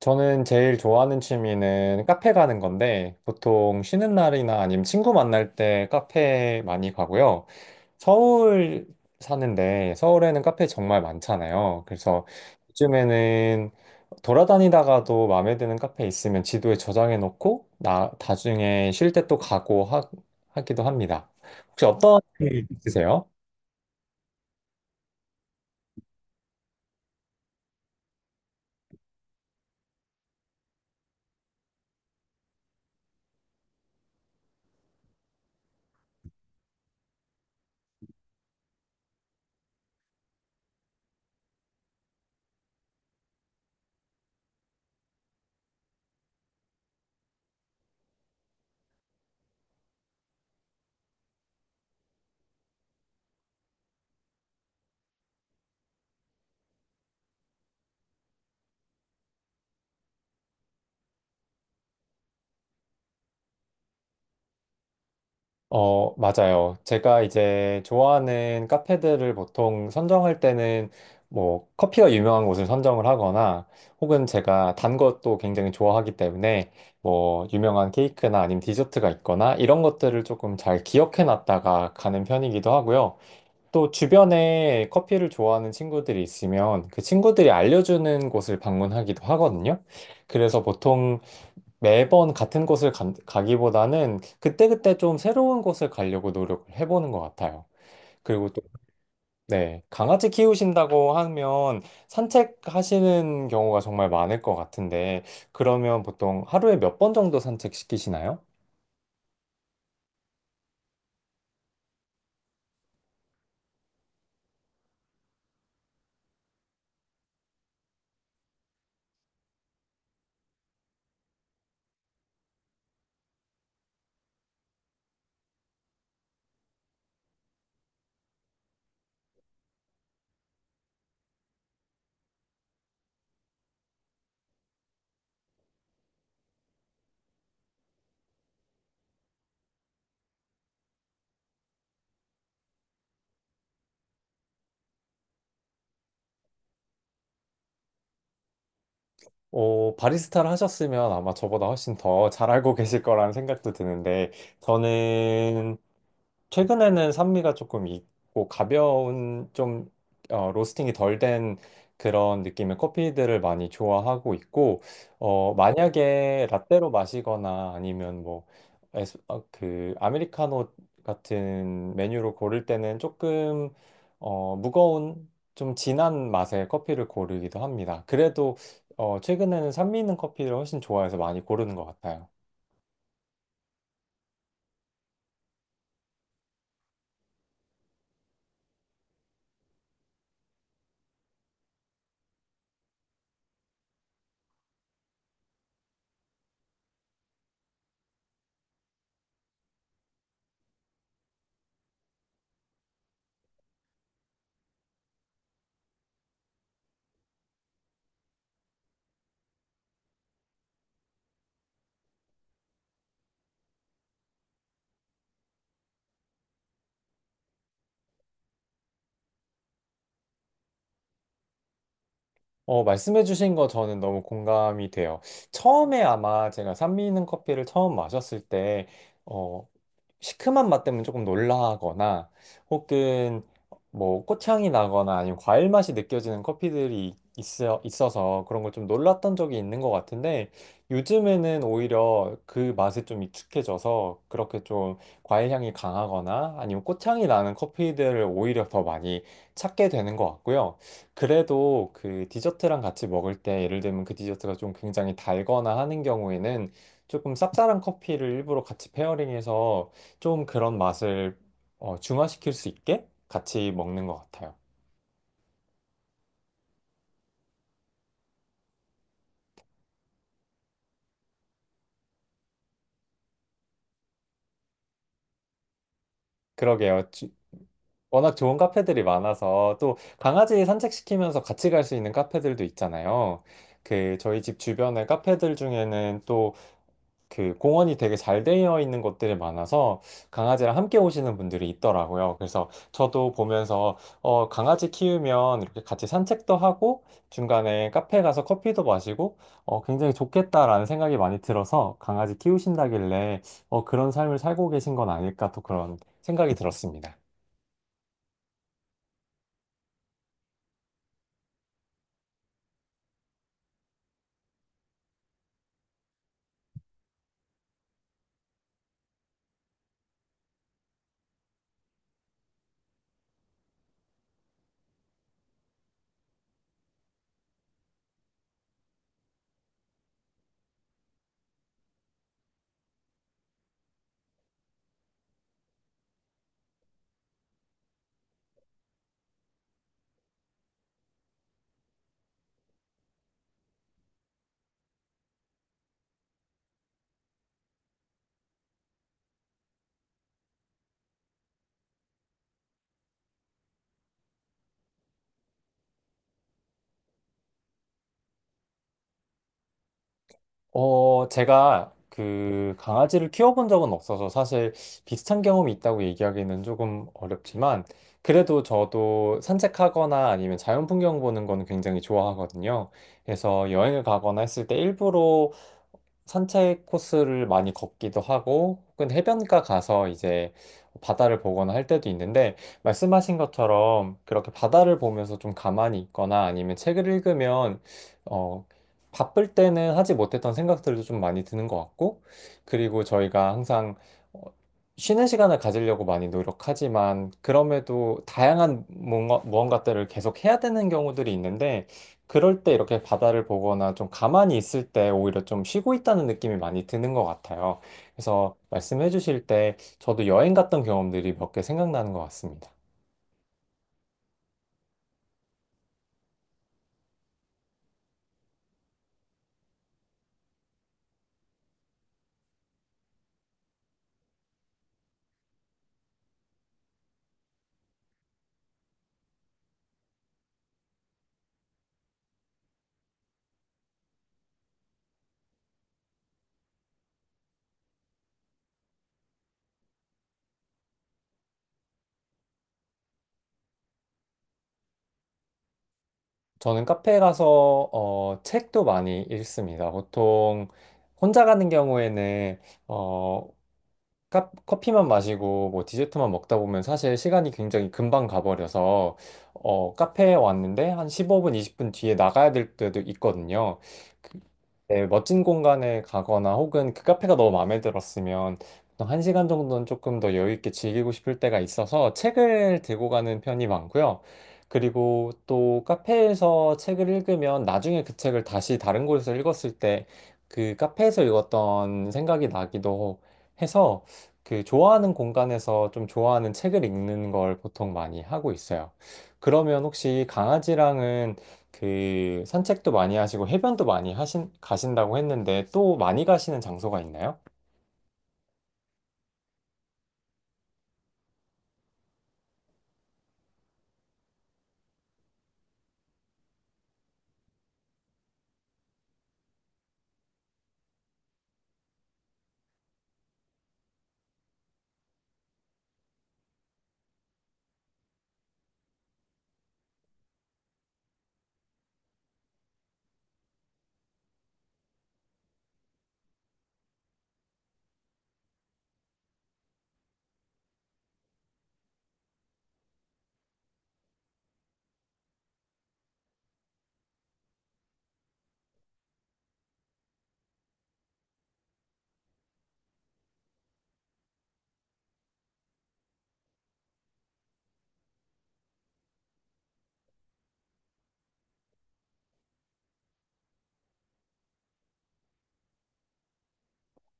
저는 제일 좋아하는 취미는 카페 가는 건데, 보통 쉬는 날이나 아니면 친구 만날 때 카페 많이 가고요. 서울 사는데, 서울에는 카페 정말 많잖아요. 그래서 요즘에는 돌아다니다가도 마음에 드는 카페 있으면 지도에 저장해 놓고, 나중에 쉴 때 또 가고 하기도 합니다. 혹시 어, 떤 거 있으세요? 맞아요. 제가 이제 좋아하는 카페들을 보통 선정할 때는 뭐 커피가 유명한 곳을 선정을 하거나 혹은 제가 단 것도 굉장히 좋아하기 때문에 뭐 유명한 케이크나 아니면 디저트가 있거나 이런 것들을 조금 잘 기억해 놨다가 가는 편이기도 하고요. 또 주변에 커피를 좋아하는 친구들이 있으면 그 친구들이 알려주는 곳을 방문하기도 하거든요. 그래서 보통 매번 같은 곳을 가기보다는 그때그때 좀 새로운 곳을 가려고 노력을 해보는 것 같아요. 그리고 또, 네, 강아지 키우신다고 하면 산책하시는 경우가 정말 많을 것 같은데, 그러면 보통 하루에 몇 번 정도 산책시키시나요? 바리스타를 하셨으면 아마 저보다 훨씬 더 잘 알고 계실 거라는 생각도 드는데, 저는 최근에는 산미가 조금 있고 가벼운 좀 로스팅이 덜 된 그런 느낌의 커피들을 많이 좋아하고 있고 만약에 라떼로 마시거나 아니면 뭐 그 아메리카노 같은 메뉴로 고를 때는 조금 무거운 좀 진한 맛의 커피를 고르기도 합니다. 그래도 최근에는 산미 있는 커피를 훨씬 좋아해서 많이 고르는 것 같아요. 말씀해주신 거 저는 너무 공감이 돼요. 처음에 아마 제가 산미 있는 커피를 처음 마셨을 때, 어, 시큼한 맛 때문에 조금 놀라거나 혹은 뭐 꽃향이 나거나 아니면 과일 맛이 느껴지는 커피들이 있어서 그런 걸 좀 놀랐던 적이 있는 것 같은데 요즘에는 오히려 그 맛에 좀 익숙해져서 그렇게 좀 과일 향이 강하거나 아니면 꽃향이 나는 커피들을 오히려 더 많이 찾게 되는 것 같고요. 그래도 그 디저트랑 같이 먹을 때 예를 들면 그 디저트가 좀 굉장히 달거나 하는 경우에는 조금 쌉쌀한 커피를 일부러 같이 페어링해서 좀 그런 맛을 중화시킬 수 있게 같이 먹는 것 같아요. 그러게요. 워낙 좋은 카페들이 많아서 또 강아지 산책시키면서 같이 갈 수 있는 카페들도 있잖아요. 그 저희 집 주변의 카페들 중에는 또 그 공원이 되게 잘 되어 있는 곳들이 많아서 강아지랑 함께 오시는 분들이 있더라고요. 그래서 저도 보면서 강아지 키우면 이렇게 같이 산책도 하고 중간에 카페 가서 커피도 마시고 굉장히 좋겠다라는 생각이 많이 들어서 강아지 키우신다길래 그런 삶을 살고 계신 건 아닐까 또 그런 생각이 들었습니다. 제가 그 강아지를 키워본 적은 없어서 사실 비슷한 경험이 있다고 얘기하기는 조금 어렵지만 그래도 저도 산책하거나 아니면 자연 풍경 보는 거는 굉장히 좋아하거든요. 그래서 여행을 가거나 했을 때 일부러 산책 코스를 많이 걷기도 하고, 혹은 해변가 가서 이제 바다를 보거나 할 때도 있는데, 말씀하신 것처럼 그렇게 바다를 보면서 좀 가만히 있거나 아니면 책을 읽으면, 어, 바쁠 때는 하지 못했던 생각들도 좀 많이 드는 것 같고, 그리고 저희가 항상 어, 쉬는 시간을 가지려고 많이 노력하지만, 그럼에도 다양한 무언가들을 계속 해야 되는 경우들이 있는데, 그럴 때 이렇게 바다를 보거나 좀 가만히 있을 때 오히려 좀 쉬고 있다는 느낌이 많이 드는 것 같아요. 그래서 말씀해 주실 때 저도 여행 갔던 경험들이 몇 개 생각나는 것 같습니다. 저는 카페에 가서 책도 많이 읽습니다. 보통 혼자 가는 경우에는 어, 커피만 마시고 뭐 디저트만 먹다 보면 사실 시간이 굉장히 금방 가버려서 어, 카페에 왔는데 한 15분, 20분 뒤에 나가야 될 때도 있거든요. 그- 네, 멋진 공간에 가거나 혹은 그 카페가 너무 마음에 들었으면 보통 한 시간 정도는 조금 더 여유 있게 즐기고 싶을 때가 있어서 책을 들고 가는 편이 많고요. 그리고 또 카페에서 책을 읽으면 나중에 그 책을 다시 다른 곳에서 읽었을 때 그 카페에서 읽었던 생각이 나기도 해서 그 좋아하는 공간에서 좀 좋아하는 책을 읽는 걸 보통 많이 하고 있어요. 그러면 혹시 강아지랑은 그 산책도 많이 하시고 해변도 많이 가신다고 했는데 또 많이 가시는 장소가 있나요?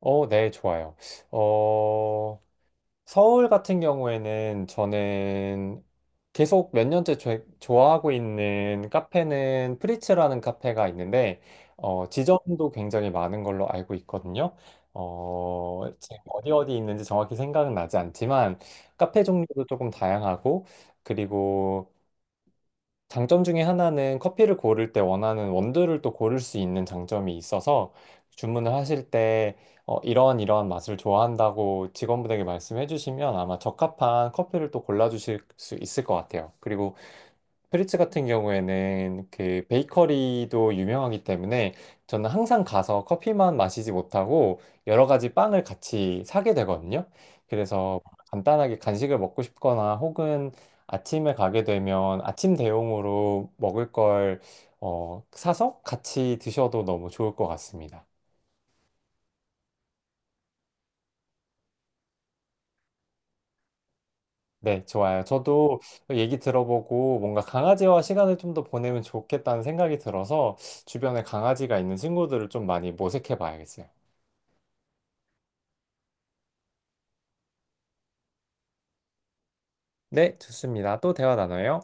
어, 네, 좋아요. 어, 서울 같은 경우에는 저는 계속 몇 년째 좋아하고 있는 카페는 프리츠라는 카페가 있는데, 지점도 굉장히 많은 걸로 알고 있거든요. 지금 어디 어디 있는지 정확히 생각은 나지 않지만, 카페 종류도 조금 다양하고, 그리고 장점 중에 하나는 커피를 고를 때 원하는 원두를 또 고를 수 있는 장점이 있어서 주문을 하실 때 이러한 맛을 좋아한다고 직원분에게 말씀해 주시면 아마 적합한 커피를 또 골라주실 수 있을 것 같아요. 그리고 프리츠 같은 경우에는 그 베이커리도 유명하기 때문에 저는 항상 가서 커피만 마시지 못하고 여러 가지 빵을 같이 사게 되거든요. 그래서 간단하게 간식을 먹고 싶거나 혹은 아침에 가게 되면 아침 대용으로 먹을 걸 사서 같이 드셔도 너무 좋을 것 같습니다. 네, 좋아요. 저도 얘기 들어보고 뭔가 강아지와 시간을 좀 더 보내면 좋겠다는 생각이 들어서 주변에 강아지가 있는 친구들을 좀 많이 모색해 봐야겠어요. 네, 좋습니다. 또 대화 나눠요.